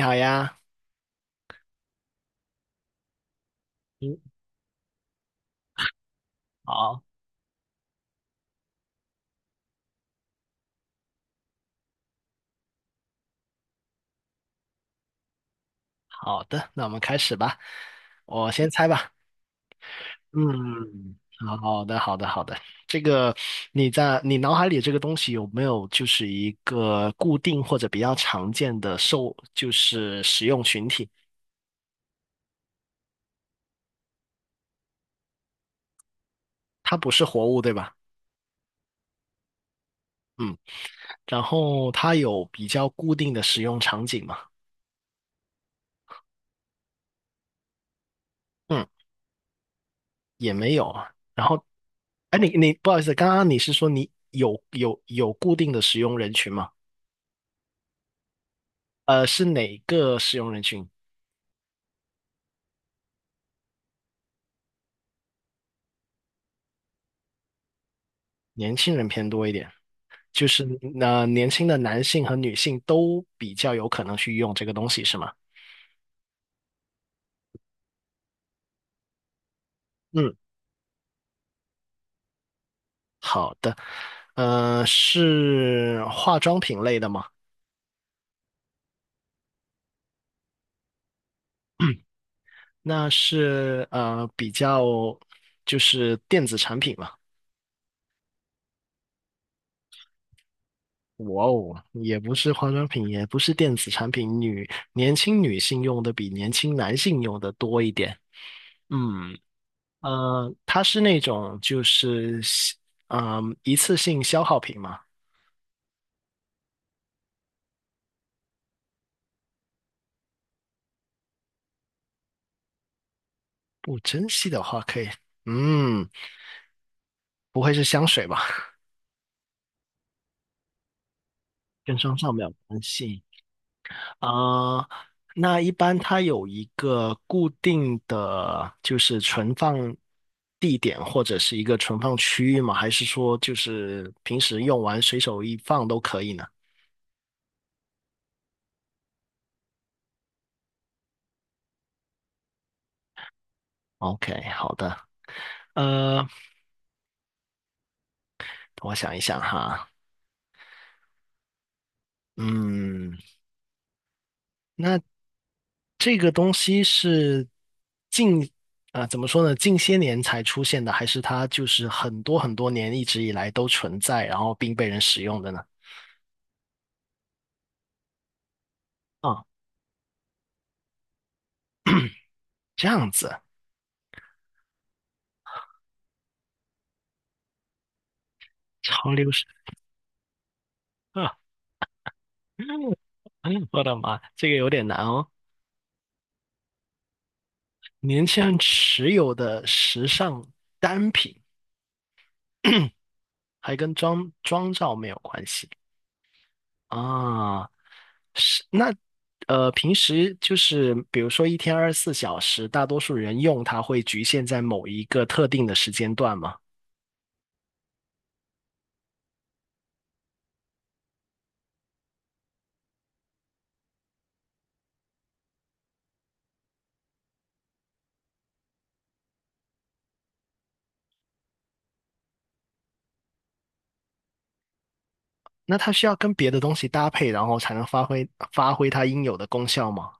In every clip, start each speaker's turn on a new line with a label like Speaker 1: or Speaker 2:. Speaker 1: 你好呀。嗯，好。好的，那我们开始吧。我先猜吧。嗯，好的，好的，好的。这个你在你脑海里这个东西有没有就是一个固定或者比较常见的受就是使用群体？它不是活物，对吧？嗯，然后它有比较固定的使用场景吗？嗯，也没有啊。然后，哎，你不好意思，刚刚你是说你有有固定的使用人群吗？是哪个使用人群？年轻人偏多一点，就是年轻的男性和女性都比较有可能去用这个东西，是吗？嗯，好的。呃，是化妆品类的吗？那是比较就是电子产品嘛。哇哦，也不是化妆品，也不是电子产品，女年轻女性用的比年轻男性用的多一点。嗯，呃，它是那种就是嗯、一次性消耗品嘛，不珍惜的话可以，嗯，不会是香水吧？跟妆造没有关系。啊、呃那一般它有一个固定的就是存放地点或者是一个存放区域吗？还是说就是平时用完随手一放都可以呢？OK,好的，呃，我想一想哈，嗯。那这个东西是近啊，怎么说呢？近些年才出现的，还是它就是很多很多年一直以来都存在，然后并被人使用的呢？啊，这样子，潮流是啊。我的妈，这个有点难哦。年轻人持有的时尚单品还跟妆造没有关系啊？是那平时就是比如说一天二十四小时，大多数人用它会局限在某一个特定的时间段吗？那它需要跟别的东西搭配，然后才能发挥它应有的功效吗？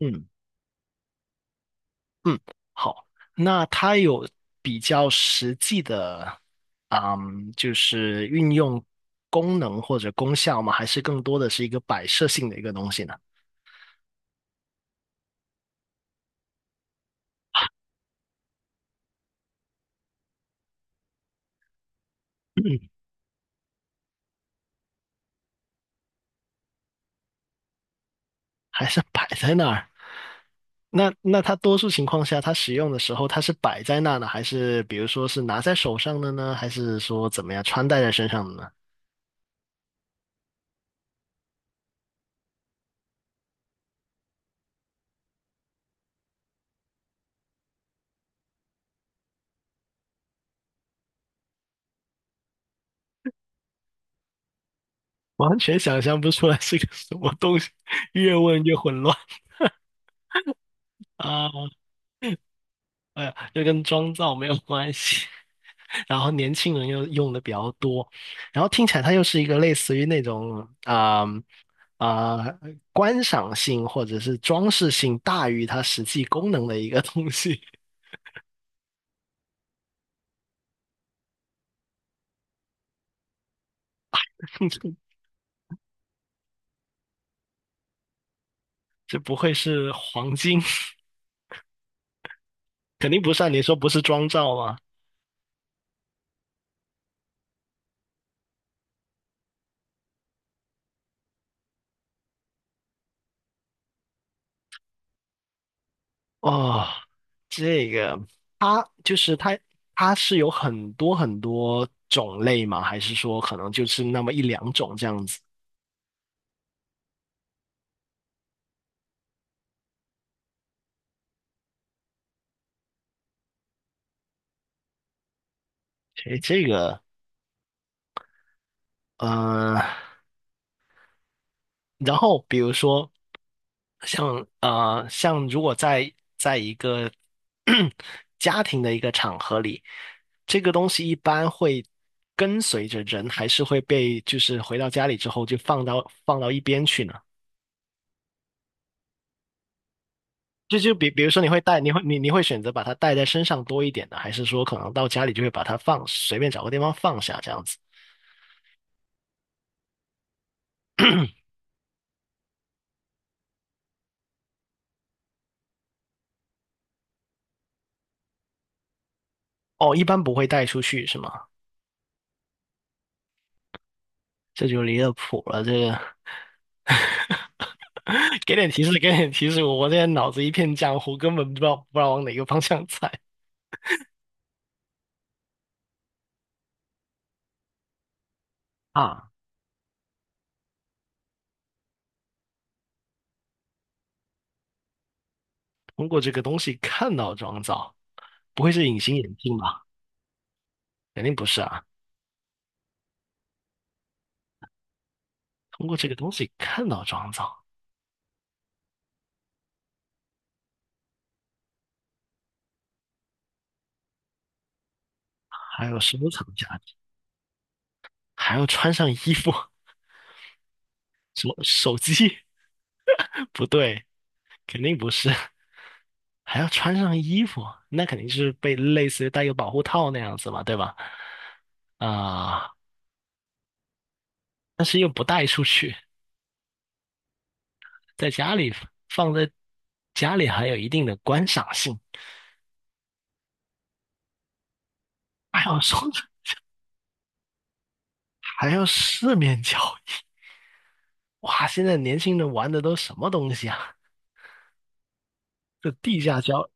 Speaker 1: 嗯。嗯，好，那它有比较实际的，嗯，就是运用功能或者功效吗？还是更多的是一个摆设性的一个东西呢？还是摆在那儿？那它多数情况下，它使用的时候，它是摆在那呢，还是比如说是拿在手上的呢，还是说怎么样穿戴在身上的呢？完全想象不出来是个什么东西，越问越混乱啊！哎呀，这跟妆造没有关系。然后年轻人又用的比较多，然后听起来它又是一个类似于那种啊、观赏性或者是装饰性大于它实际功能的一个东西。这不会是黄金？肯定不算，你说不是妆造吗？哦，这个它就是它，它是有很多很多种类吗？还是说可能就是那么一两种这样子？诶，这个，呃，然后比如说像如果在一个 家庭的一个场合里，这个东西一般会跟随着人，还是会被就是回到家里之后就放到一边去呢？就比如说你会带，你会选择把它带在身上多一点呢，还是说可能到家里就会把它放，随便找个地方放下这样子？哦，一般不会带出去是吗？这就离了谱了，这个 给点提示，给点提示，我现在脑子一片浆糊，根本不知道不知道往哪个方向猜。 啊！通过这个东西看到妆造，不会是隐形眼镜吧？肯定不是啊！通过这个东西看到妆造，还有收藏价值，还要穿上衣服，什么手机？不对，肯定不是。还要穿上衣服，那肯定是被类似于带个保护套那样子嘛，对吧？啊、但是又不带出去，在家里放在家里还有一定的观赏性，还要说 还要四面 交易，哇！现在年轻人玩的都什么东西啊？这地下交。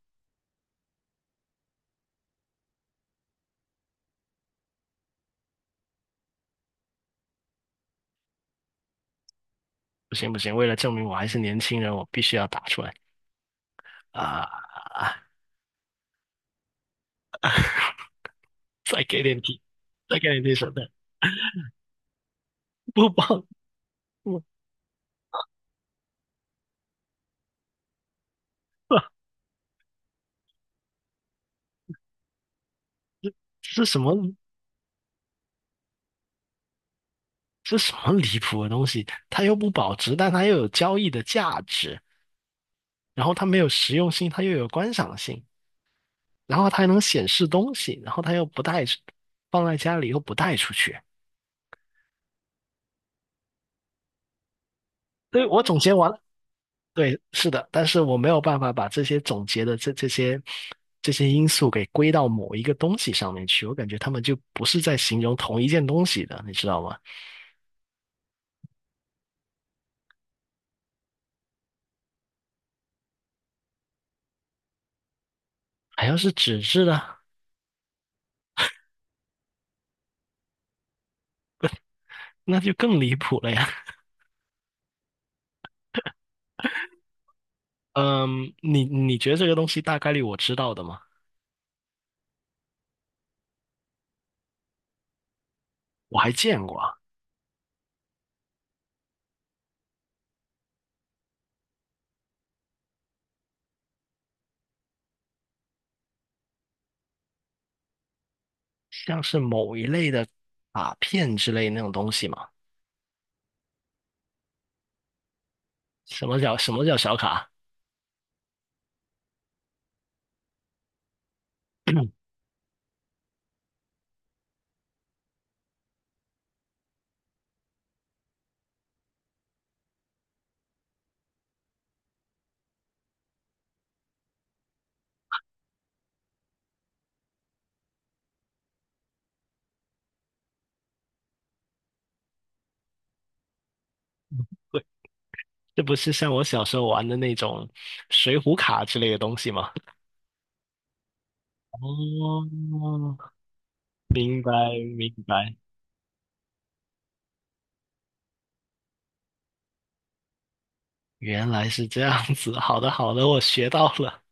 Speaker 1: 不行不行，为了证明我还是年轻人，我必须要打出来啊！再给点 提，再给点提手段，不报不，这是什么，这什么离谱的东西？它又不保值，但它又有交易的价值，然后它没有实用性，它又有观赏性，然后它还能显示东西，然后它又不带，放在家里又不带出去。所以我总结完了，对，是的，但是我没有办法把这些总结的这些这些因素给归到某一个东西上面去，我感觉他们就不是在形容同一件东西的，你知道吗？还要是纸质的，那就更离谱了呀。嗯，你觉得这个东西大概率我知道的吗？我还见过啊，像是某一类的卡片之类那种东西嘛。什么叫小卡？对，这不是像我小时候玩的那种水浒卡之类的东西吗？哦，明白，明白，原来是这样子。好的好的，我学到了。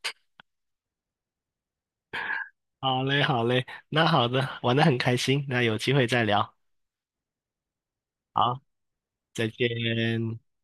Speaker 1: 好嘞好嘞，那好的，玩的很开心，那有机会再聊。好，再见。